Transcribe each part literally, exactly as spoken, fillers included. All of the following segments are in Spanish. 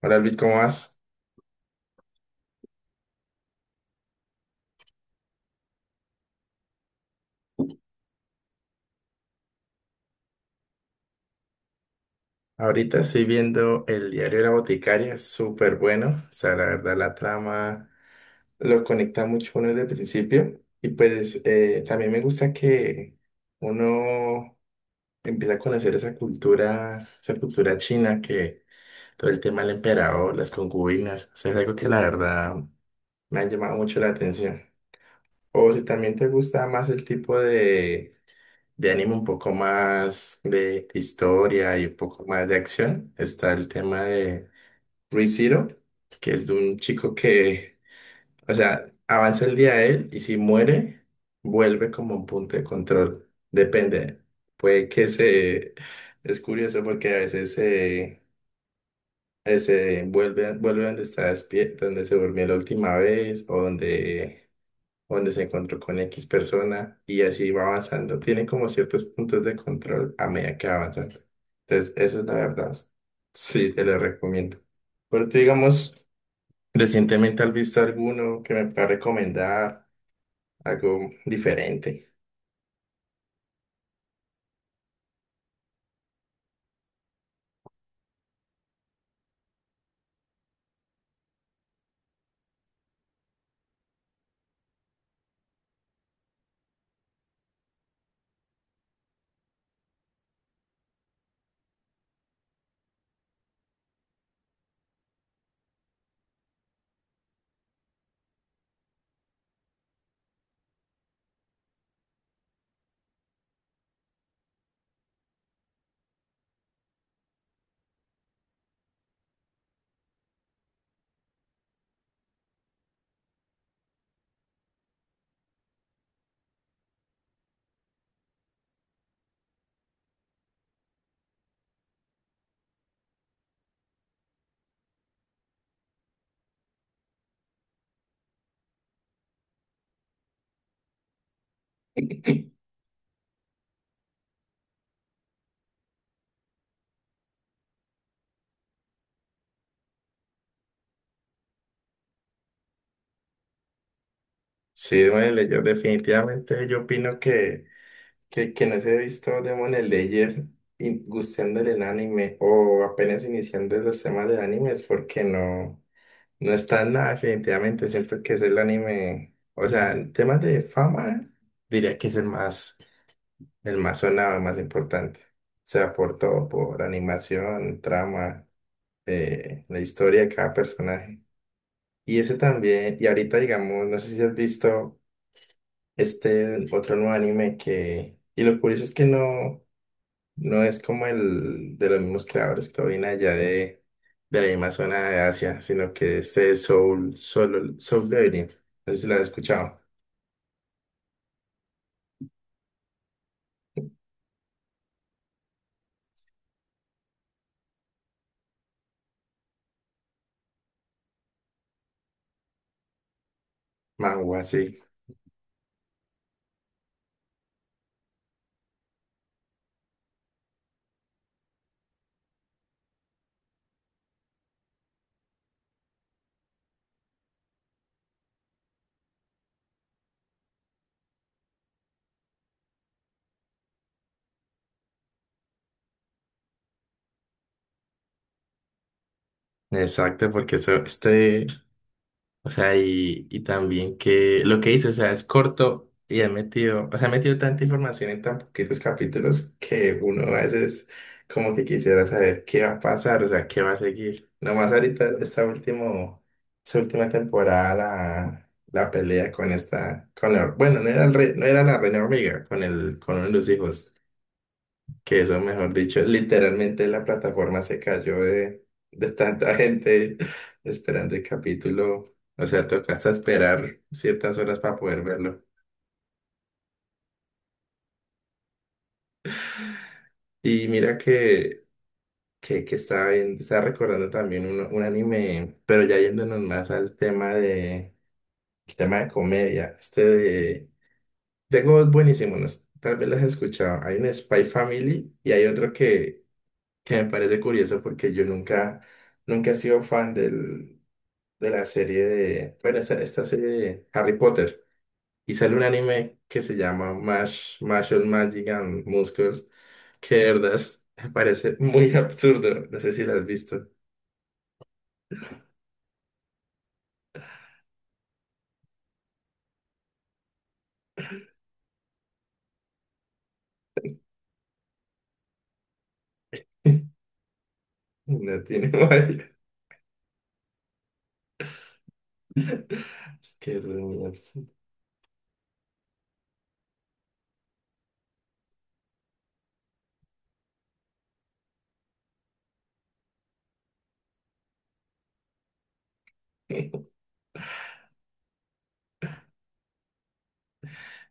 Hola Luis, ¿cómo vas? Ahorita estoy viendo el diario de la boticaria, es súper bueno. O sea, la verdad, la trama lo conecta mucho uno desde el principio. Y pues eh, también me gusta que uno empieza a conocer esa cultura, esa cultura china, que todo el tema del emperador, las concubinas, o sea, es algo que la verdad me ha llamado mucho la atención. O si también te gusta más el tipo de de anime un poco más de historia y un poco más de acción, está el tema de Re:Zero, que es de un chico que, o sea, avanza el día de él y si muere, vuelve como un punto de control. Depende. Puede que se... Es curioso porque a veces se, eh, se vuelve, vuelve donde está despierto, donde se durmió la última vez o donde donde se encontró con X persona y así va avanzando. Tiene como ciertos puntos de control a medida que va avanzando. Entonces, eso es la verdad. Sí, te lo recomiendo. Pero tú, digamos, recientemente has visto alguno que me pueda recomendar, algo diferente. Sí, Demon Slayer, definitivamente yo opino que, que quienes he visto Demon Slayer y gustando del anime o apenas iniciando los temas del anime es porque no. No está en nada, definitivamente. Siento que es el anime. O sea, en temas de fama, diría que es el más, el más sonado, el más importante. O sea, por todo, por animación, trama, eh, la historia de cada personaje. Y ese también, y ahorita, digamos, no sé si has visto este otro nuevo anime que. Y lo curioso es que no. No es como el de los mismos creadores que viene allá de, de la misma zona de Asia, sino que este es Soul, Soul, Soul Leveling. No sé si lo has escuchado. Manhwa, sí. Exacto, porque eso, este, o sea, y, y también que lo que hizo, o sea, es corto y ha metido, o sea, ha metido tanta información en tan poquitos capítulos que uno a veces como que quisiera saber qué va a pasar, o sea, qué va a seguir. Nomás ahorita esta último, esta última temporada, la, la pelea con esta, con la, bueno, no era el rey- no era la reina hormiga, con el, con uno de los hijos. Que eso, mejor dicho, literalmente la plataforma se cayó de, de tanta gente esperando el capítulo. O sea, toca hasta esperar ciertas horas para poder verlo. Y mira que, que, que estaba, bien- estaba recordando también un, un anime, pero ya yéndonos más al tema de, el tema de comedia. Este de... Tengo dos buenísimos, no sé, tal vez las has escuchado. Hay un Spy Family y hay otro que, que me parece curioso porque yo nunca, nunca he sido fan del... de la serie de, bueno, esta, esta serie de Harry Potter. Y sale un anime que se llama Mash, Marshall Magic and Muscles, que de verdad es- me parece muy absurdo. No sé si lo has visto. No tiene madre. Es que es muy absurdo.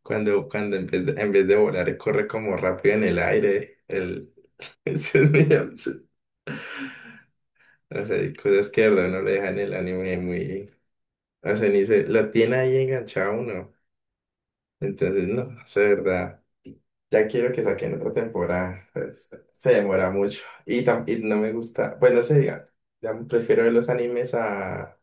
Cuando, cuando en vez de, en vez de volar, corre como rápido en el aire. El, eso es muy absurdo. O sea, hay cosas que de verdad no le dejan el anime muy. O sea, ni se lo tiene ahí enganchado uno. Entonces, no, es verdad. Ya quiero que saquen otra temporada, pero se demora mucho. Y, tam- y no me gusta. Pues no sé, diga, ya prefiero ver los animes a,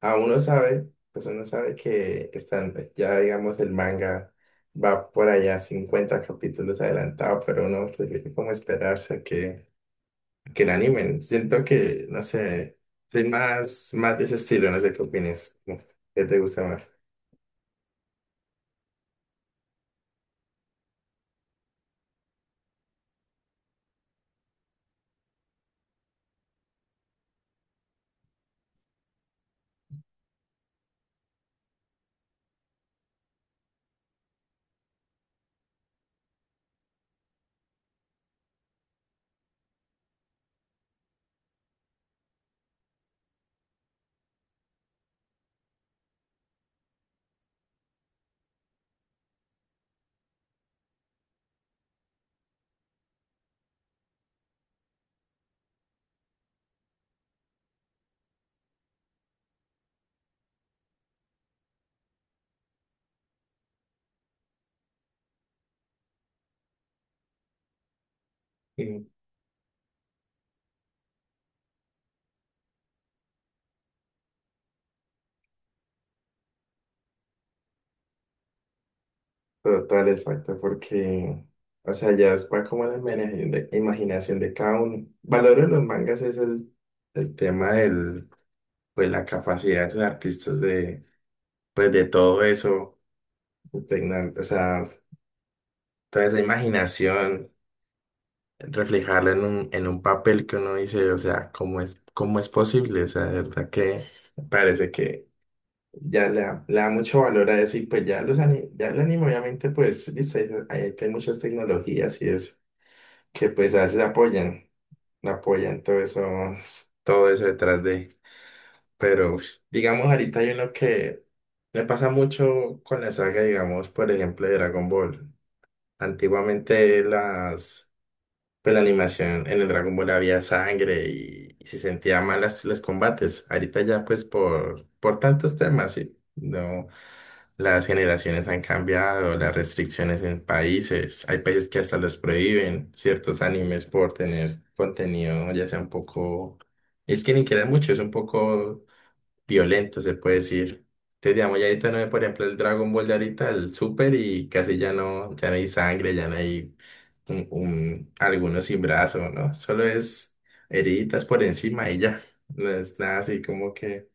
a uno sabe, pues uno sabe que están, ya digamos, el manga va por allá cincuenta capítulos adelantado, pero uno prefiere como esperarse a que, a que el anime. Siento que, no sé, soy más, más de ese estilo, no sé qué opinas, ¿no? ¿Qué te gusta más? Total, exacto, porque, o sea, ya es va como la imaginación de, imaginación de cada uno. Valoro de los mangas es el, el tema del, pues la capacidad de los artistas de, pues de todo eso, impregnar, o sea, toda esa imaginación, reflejarla en un, en un papel que uno dice, o sea, ¿cómo es, cómo es posible? O sea, de verdad que parece que ya le da, le da mucho valor a eso y pues ya los, ani- ya el anime obviamente, pues, listo, ahí ahí hay muchas tecnologías y eso, que pues a veces apoyan, apoyan todo eso, todo eso detrás de. Pero ush, digamos, ahorita hay uno que me pasa mucho con la saga, digamos, por ejemplo, de Dragon Ball. Antiguamente las pero la animación en el Dragon Ball había sangre y, y se sentía mal las- los combates. Ahorita ya pues por, por tantos temas, sí. No, las generaciones han cambiado, las restricciones en países. Hay países que hasta los prohíben ciertos animes por tener contenido, ya sea un poco... Es que ni queda mucho, es un poco violento, se puede decir. Te digamos, ya ahorita no hay, por ejemplo, el Dragon Ball de ahorita, el Super, y casi ya no, ya no hay sangre, ya no hay un, un- algunos sin brazo, ¿no? Solo es heriditas por encima y ya. No es nada así como que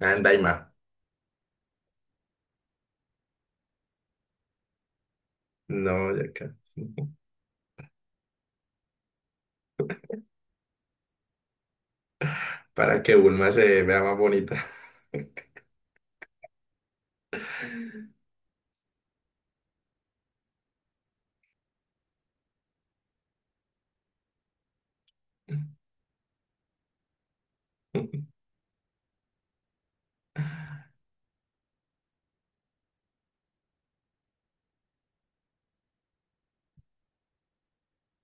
anda y más. No, ya que- Para que Bulma se vea más bonita.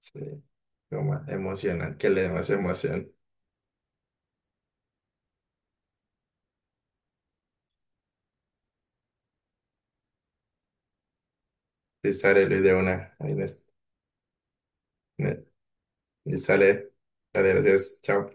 Sí, como más emocional, que le dé más emoción. Y sale Luis de una. Ahí les- me- Y sale, sale, gracias, chao.